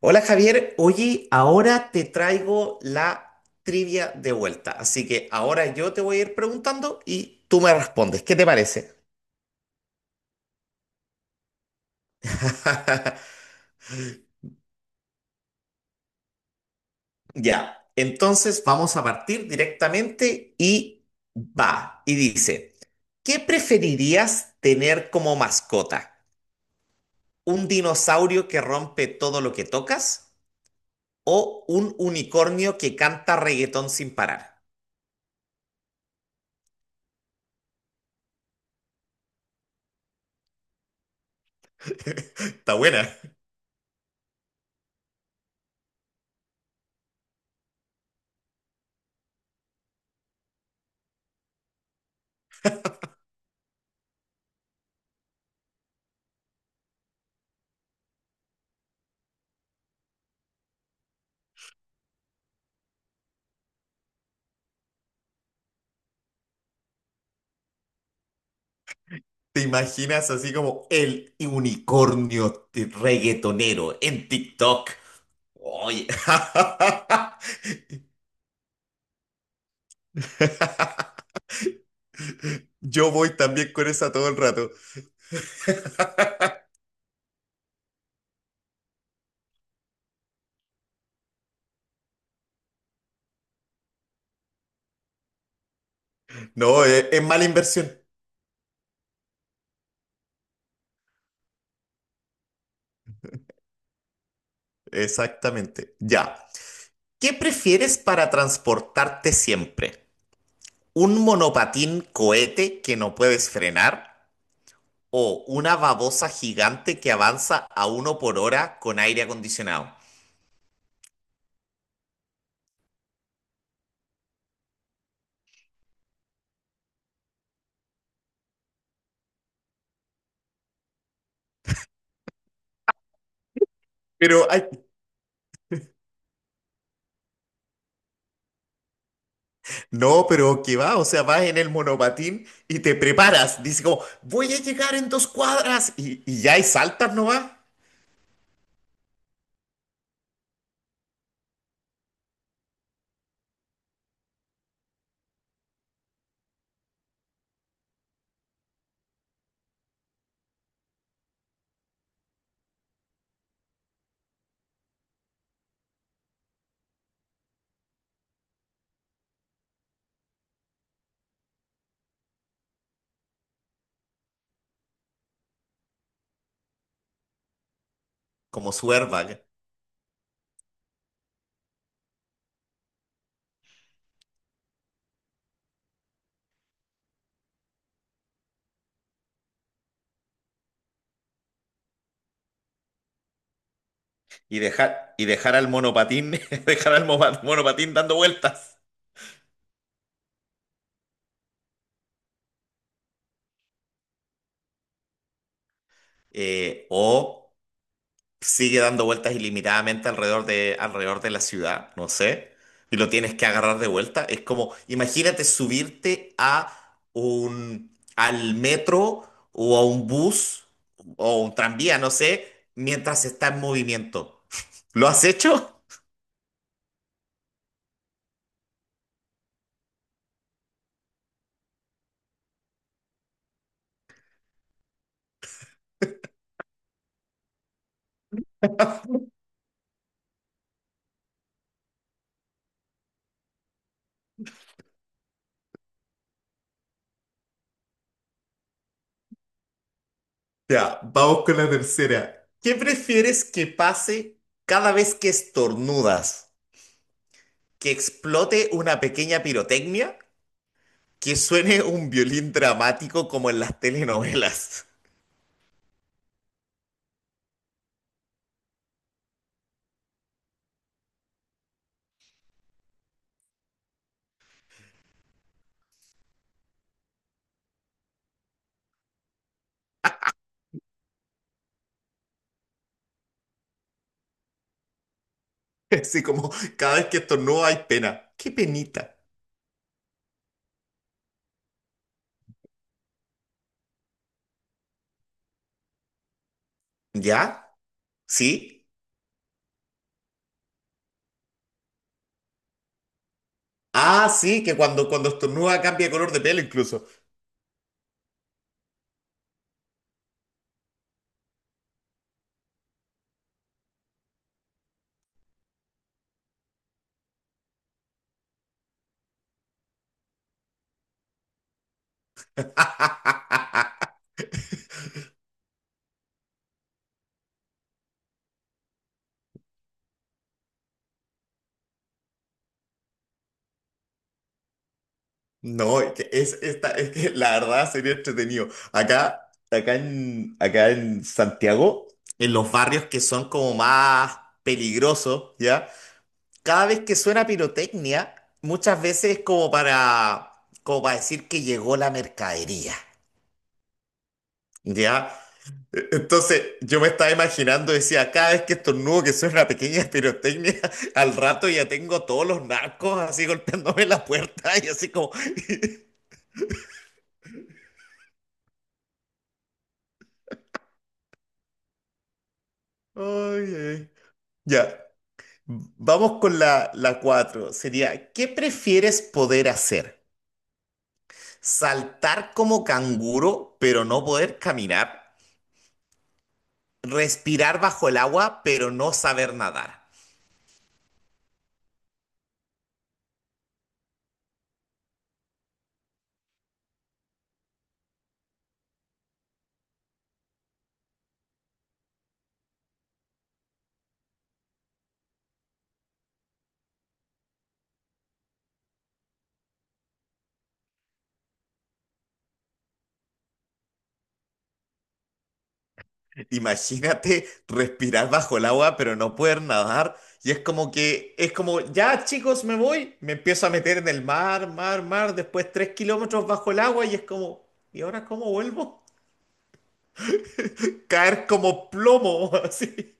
Hola Javier, oye, ahora te traigo la trivia de vuelta, así que ahora yo te voy a ir preguntando y tú me respondes, ¿qué te parece? Ya, entonces vamos a partir directamente y dice, ¿qué preferirías tener como mascota? ¿Un dinosaurio que rompe todo lo que tocas o un unicornio que canta reggaetón sin parar? Está buena. ¿Te imaginas así como el unicornio reggaetonero en TikTok? Oye. Yo voy también con esa todo el rato. No, es, mala inversión. Exactamente. Ya. ¿Qué prefieres para transportarte siempre? ¿Un monopatín cohete que no puedes frenar o una babosa gigante que avanza a uno por hora con aire acondicionado? Pero hay No, pero que va, o sea, vas en el monopatín y te preparas. Dice como, voy a llegar en dos cuadras. Y ya, y saltas, ¿no va? Como su airbag. Y dejar al monopatín, dejar al monopatín dando vueltas. O sigue dando vueltas ilimitadamente alrededor de la ciudad, no sé, y lo tienes que agarrar de vuelta. Es como, imagínate subirte a un, al metro o a un bus o un tranvía, no sé, mientras está en movimiento. ¿Lo has hecho? Ya, vamos con la tercera. ¿Qué prefieres que pase cada vez que estornudas? ¿Que explote una pequeña pirotecnia? ¿Que suene un violín dramático como en las telenovelas? Así como cada vez que estornuda hay pena. ¡Qué penita! ¿Ya? ¿Sí? Ah, sí, que cuando estornuda cambia de color de pelo incluso. No, es que la verdad sería entretenido. Acá en Santiago, en los barrios que son como más peligrosos, ¿ya? Cada vez que suena pirotecnia, muchas veces es como para, como para decir que llegó la mercadería, ¿ya? Entonces yo me estaba imaginando, decía, cada vez que estornudo que suena una pequeña pirotecnia, al rato ya tengo todos los narcos así golpeándome la puerta y así como, "ay, ay". Ya, vamos con la, la cuatro. Sería, ¿qué prefieres poder hacer? ¿Saltar como canguro, pero no poder caminar? ¿Respirar bajo el agua, pero no saber nadar? Imagínate respirar bajo el agua, pero no poder nadar. Y es como, ya chicos, me voy. Me empiezo a meter en el mar, mar, mar. Después 3 kilómetros bajo el agua y es como, ¿y ahora cómo vuelvo? Caer como plomo, así.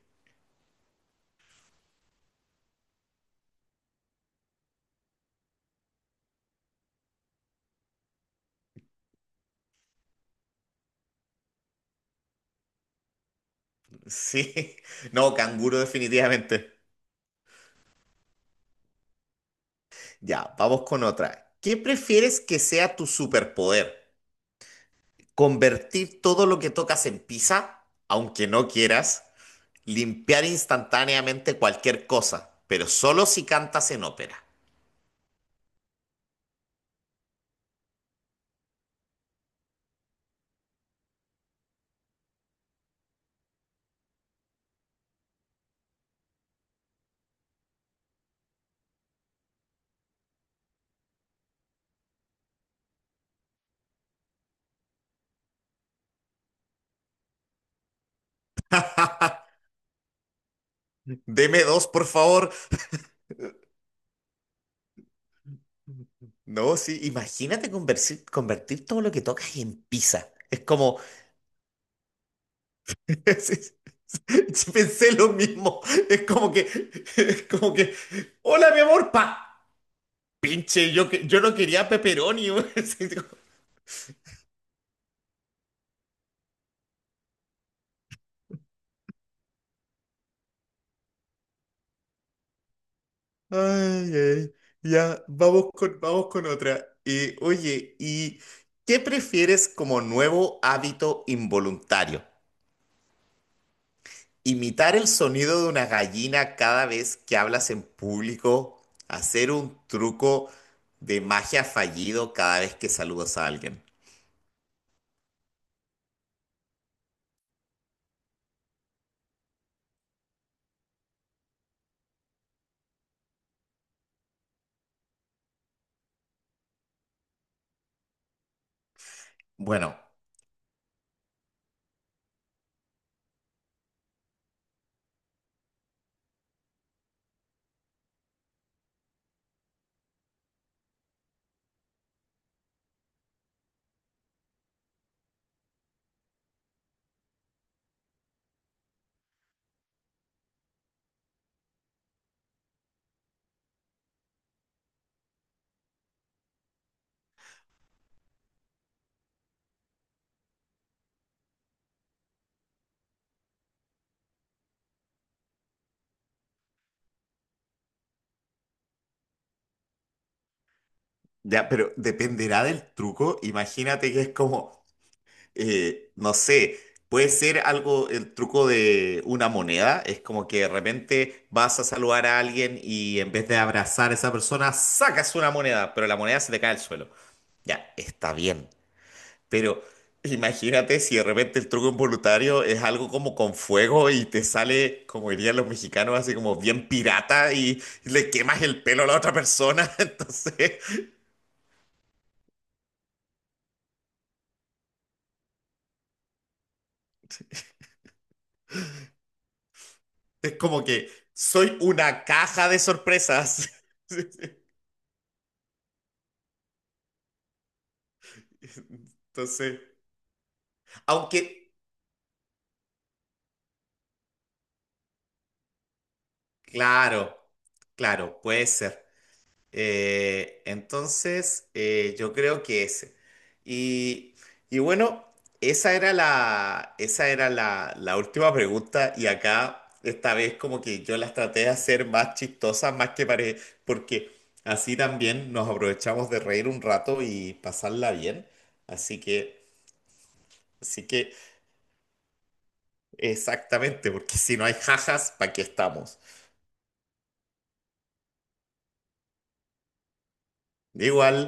Sí. No, canguro definitivamente. Ya, vamos con otra. ¿Qué prefieres que sea tu superpoder? ¿Convertir todo lo que tocas en pizza, aunque no quieras? ¿Limpiar instantáneamente cualquier cosa, pero solo si cantas en ópera? Deme dos, por favor. No, sí, imagínate convertir todo lo que tocas en pizza. Es como, es- es- pensé lo mismo. Es como que, es como que, hola, mi amor, pa. Pinche, yo, yo no quería pepperoni. Ay, ay. Ya, vamos con otra. Oye, ¿y qué prefieres como nuevo hábito involuntario? ¿Imitar el sonido de una gallina cada vez que hablas en público? ¿Hacer un truco de magia fallido cada vez que saludas a alguien? Bueno, ya, pero dependerá del truco. Imagínate que es como... no sé, puede ser algo, el truco de una moneda, es como que de repente vas a saludar a alguien y en vez de abrazar a esa persona, sacas una moneda, pero la moneda se te cae al suelo. Ya, está bien, pero imagínate si de repente el truco involuntario es algo como con fuego y te sale, como dirían los mexicanos, así como bien pirata y le quemas el pelo a la otra persona, entonces es como que soy una caja de sorpresas. Entonces, aunque, claro, claro, puede ser. Yo creo que ese. Y, y bueno, esa era la última pregunta y acá, esta vez como que yo las traté de hacer más chistosas, más que pare, porque así también nos aprovechamos de reír un rato y pasarla bien. Así que, así que, exactamente, porque si no hay jajas, ¿para qué estamos? Igual.